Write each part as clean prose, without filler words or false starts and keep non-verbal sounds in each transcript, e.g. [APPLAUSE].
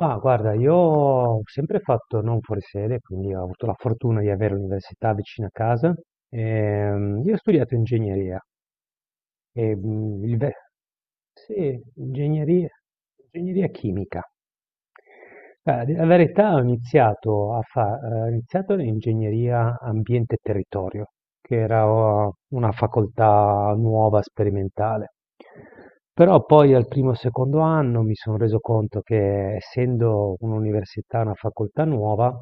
Ma guarda, io ho sempre fatto non fuori sede, quindi ho avuto la fortuna di avere l'università vicino a casa. Io ho studiato ingegneria e, mhmm, il ve sì, ingegneria chimica. Ah, d la verità Ho iniziato a fa ho iniziato l'ingegneria ambiente e territorio, che era o una facoltà nuova, sperimentale. Però poi al primo o secondo anno mi son reso conto che essendo un'università, una facoltà nuova,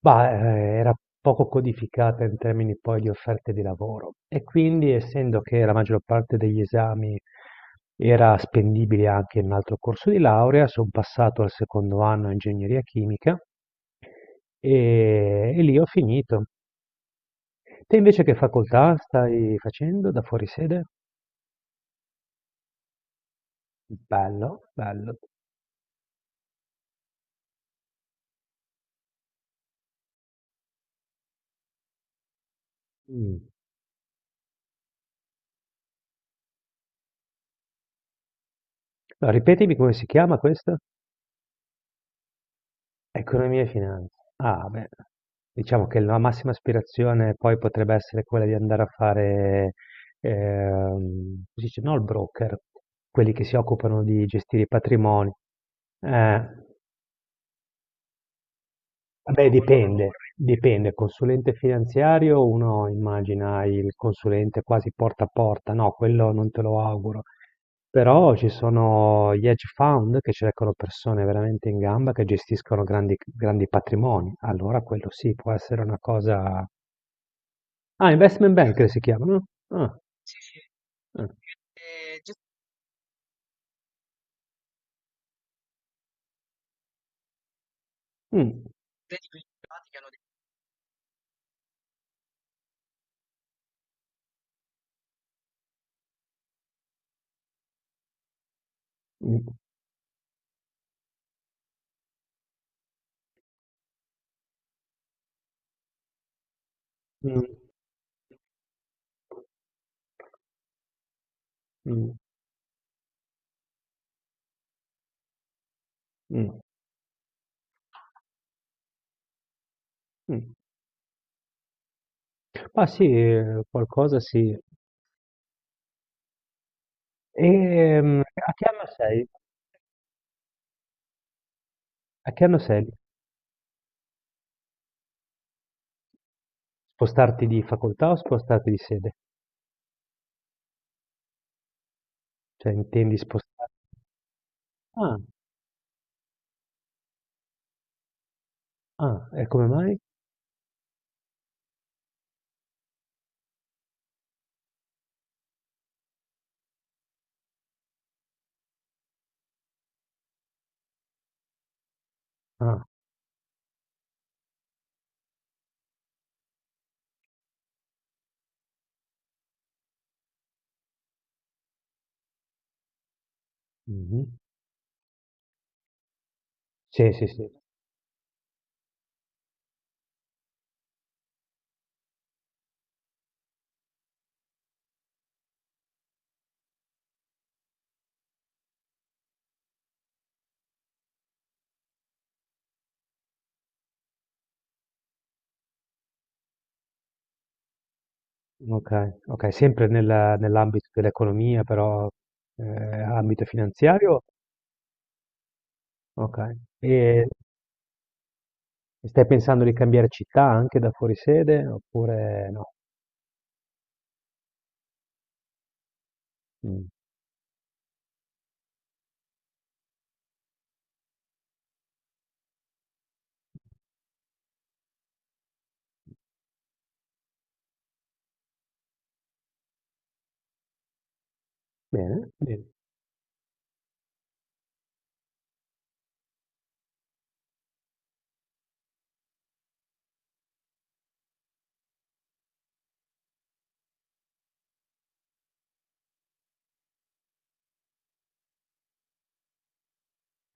Bah, ehm, era poco codificata in termini poi di offerte di lavoro, e quindi essendo che la maggior parte degli esami era spendibile anche in un altro corso di laurea, son passato al secondo anno a ingegneria chimica e lì ho finito. Te invece che facoltà stai facendo da fuori sede? Bello, bello. Mh. Ripetimi come si chiama questa? Economia e finanza. Ah, beh, diciamo che la massima aspirazione poi potrebbe essere quella di andare a fare, si dice, no, il broker, quelli che si occupano di gestire i patrimoni. Eh, Beh, dipende, dipende. Consulente finanziario, uno immagina il consulente quasi porta a porta, no, quello non te lo auguro. Però ci sono gli hedge fund che cercano persone veramente in gamba che gestiscono grandi, grandi patrimoni. Allora quello sì, può essere una cosa... Ah, investment banker si chiamano? Ah, ah. Mm, mm, mm, mm, mm, mm. Ma sì, qualcosa sì. E, mm, a che anno sei? A che anno sei? Spostarti di facoltà o spostarti di sede? Cioè intendi sposta ah, ah, e come mai? Ah, mh-mh. Sì, sì, sì, okay, okay, sempre nella nell'ambito dell'economia però, ambito finanziario? Okay. E stai pensando di cambiare città anche da fuori sede oppure no? Mh, bene, bene.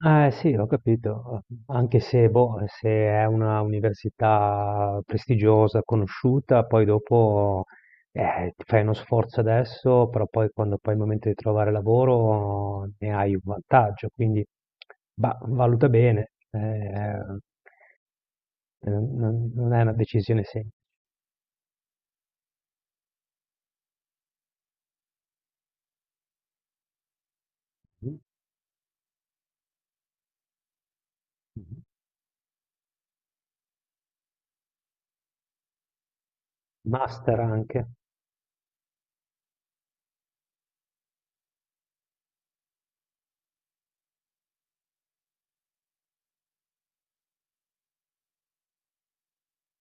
Eh sì, ho capito, anche se, boh, se è una università prestigiosa, conosciuta, poi dopo ti fai uno sforzo adesso, però poi quando poi è il momento di trovare lavoro ne hai un vantaggio, quindi bah, valuta bene, non, non è una decisione semplice. Master anche.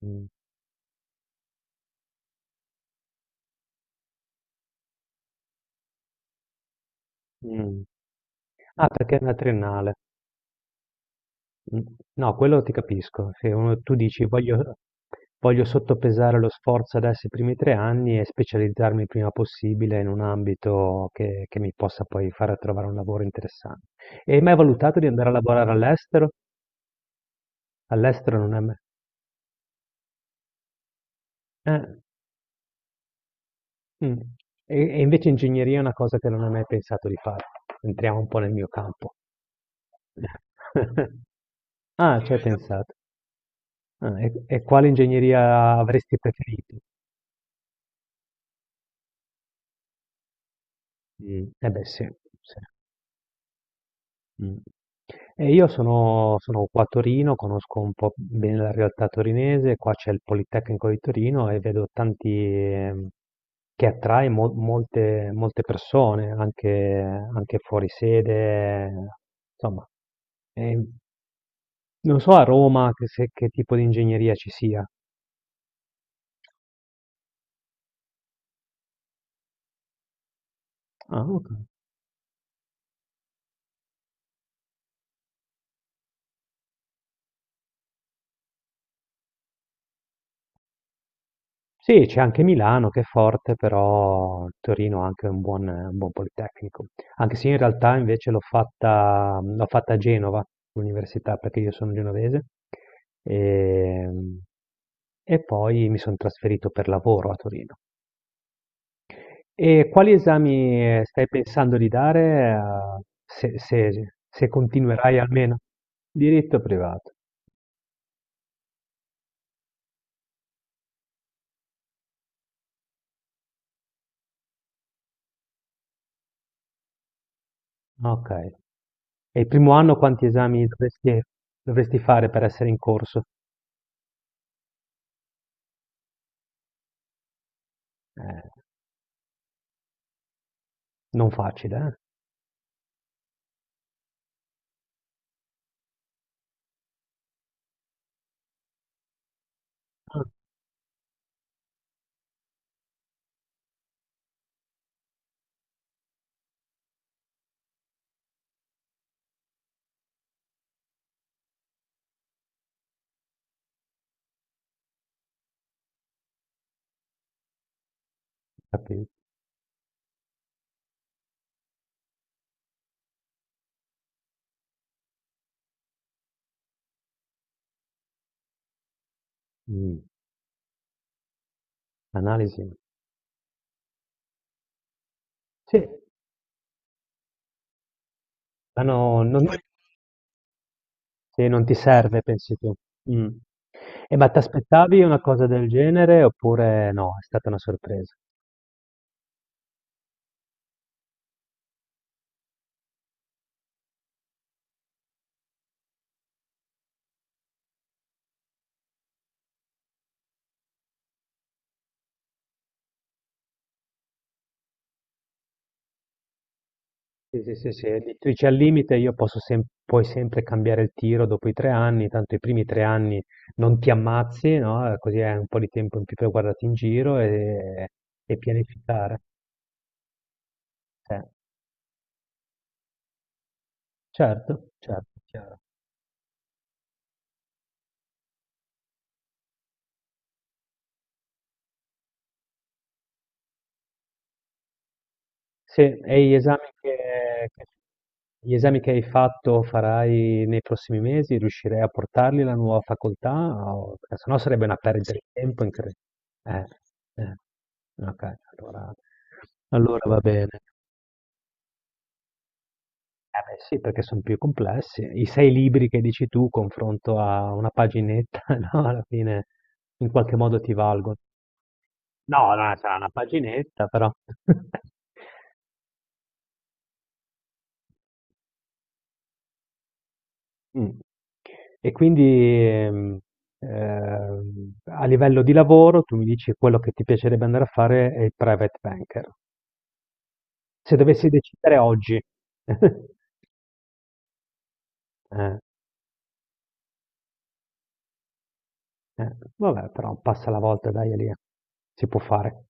Mm. Mm. Ah, perché è una triennale. Mm. No, quello ti capisco. Se uno- Tu dici voglio, voglio sottopesare lo sforzo adesso i primi tre anni e specializzarmi il prima possibile in un ambito che mi possa poi far trovare un lavoro interessante. E hai mai valutato di andare a lavorare all'estero? All'estero non è mai... eh, mm. E, e invece ingegneria è una cosa che non hai mai pensato di fare. Entriamo un po' nel mio campo. [LAUGHS] Ah, ci hai pensato. Ah, e quale ingegneria avresti preferito? Mm. Eh beh, sì. Sì. Mh. E io sono qua a Torino, conosco un po' bene la realtà torinese, qua c'è il Politecnico di Torino e vedo tanti, che attrae molte molte persone, anche anche fuori sede, insomma. Ehm, Non so a Roma che se che tipo di ingegneria ci sia. Ah, oka sì, c'è anche Milano che è forte, però Torino ha anche un buon politecnico. Anche se in realtà invece l'ho fatta a Genova, l'università, perché io sono genovese. E, e poi mi sono trasferito per lavoro a Torino. E quali esami, stai pensando di dare, se continuerai almeno? Diritto privato. Ok. E il primo anno quanti esami dovresti, dovresti fare per essere in corso? Eh. Non facile, eh? Ah, capi mh, analisi. Sì, ma no, non sì, non ti serve, pensi tu. Mh. Ma t'aspettavi una cosa del genere oppure no, è stata una sorpresa? Sì, sì, sì, sì, tu dici al limite io posso puoi sempre cambiare il tiro dopo i tre anni, tanto i primi tre anni non ti ammazzi, no? Così hai un po' di tempo in più per guardarti in giro e pianificare. Sì, certo, certo, chiaro. Sì, gli esami che hai fatto farai nei prossimi mesi, riuscirei a portarli alla nuova facoltà? Perché sennò sarebbe una perdita, sì, di tempo incredibile. Eh. Ok, allora, allora va bene. Eh beh, sì, perché sono più complessi. I sei libri che dici tu, confronto a una paginetta, [LAUGHS] no? Alla fine in qualche modo ti valgono. No, no, sarà una paginetta, però. [LAUGHS] Mh. E quindi, a livello di lavoro tu mi dici quello che ti piacerebbe andare a fare è il private banker. Se dovessi decidere oggi. [LAUGHS] Eh, eh. Vabbè però passa la volta, dai Elia, si può fare.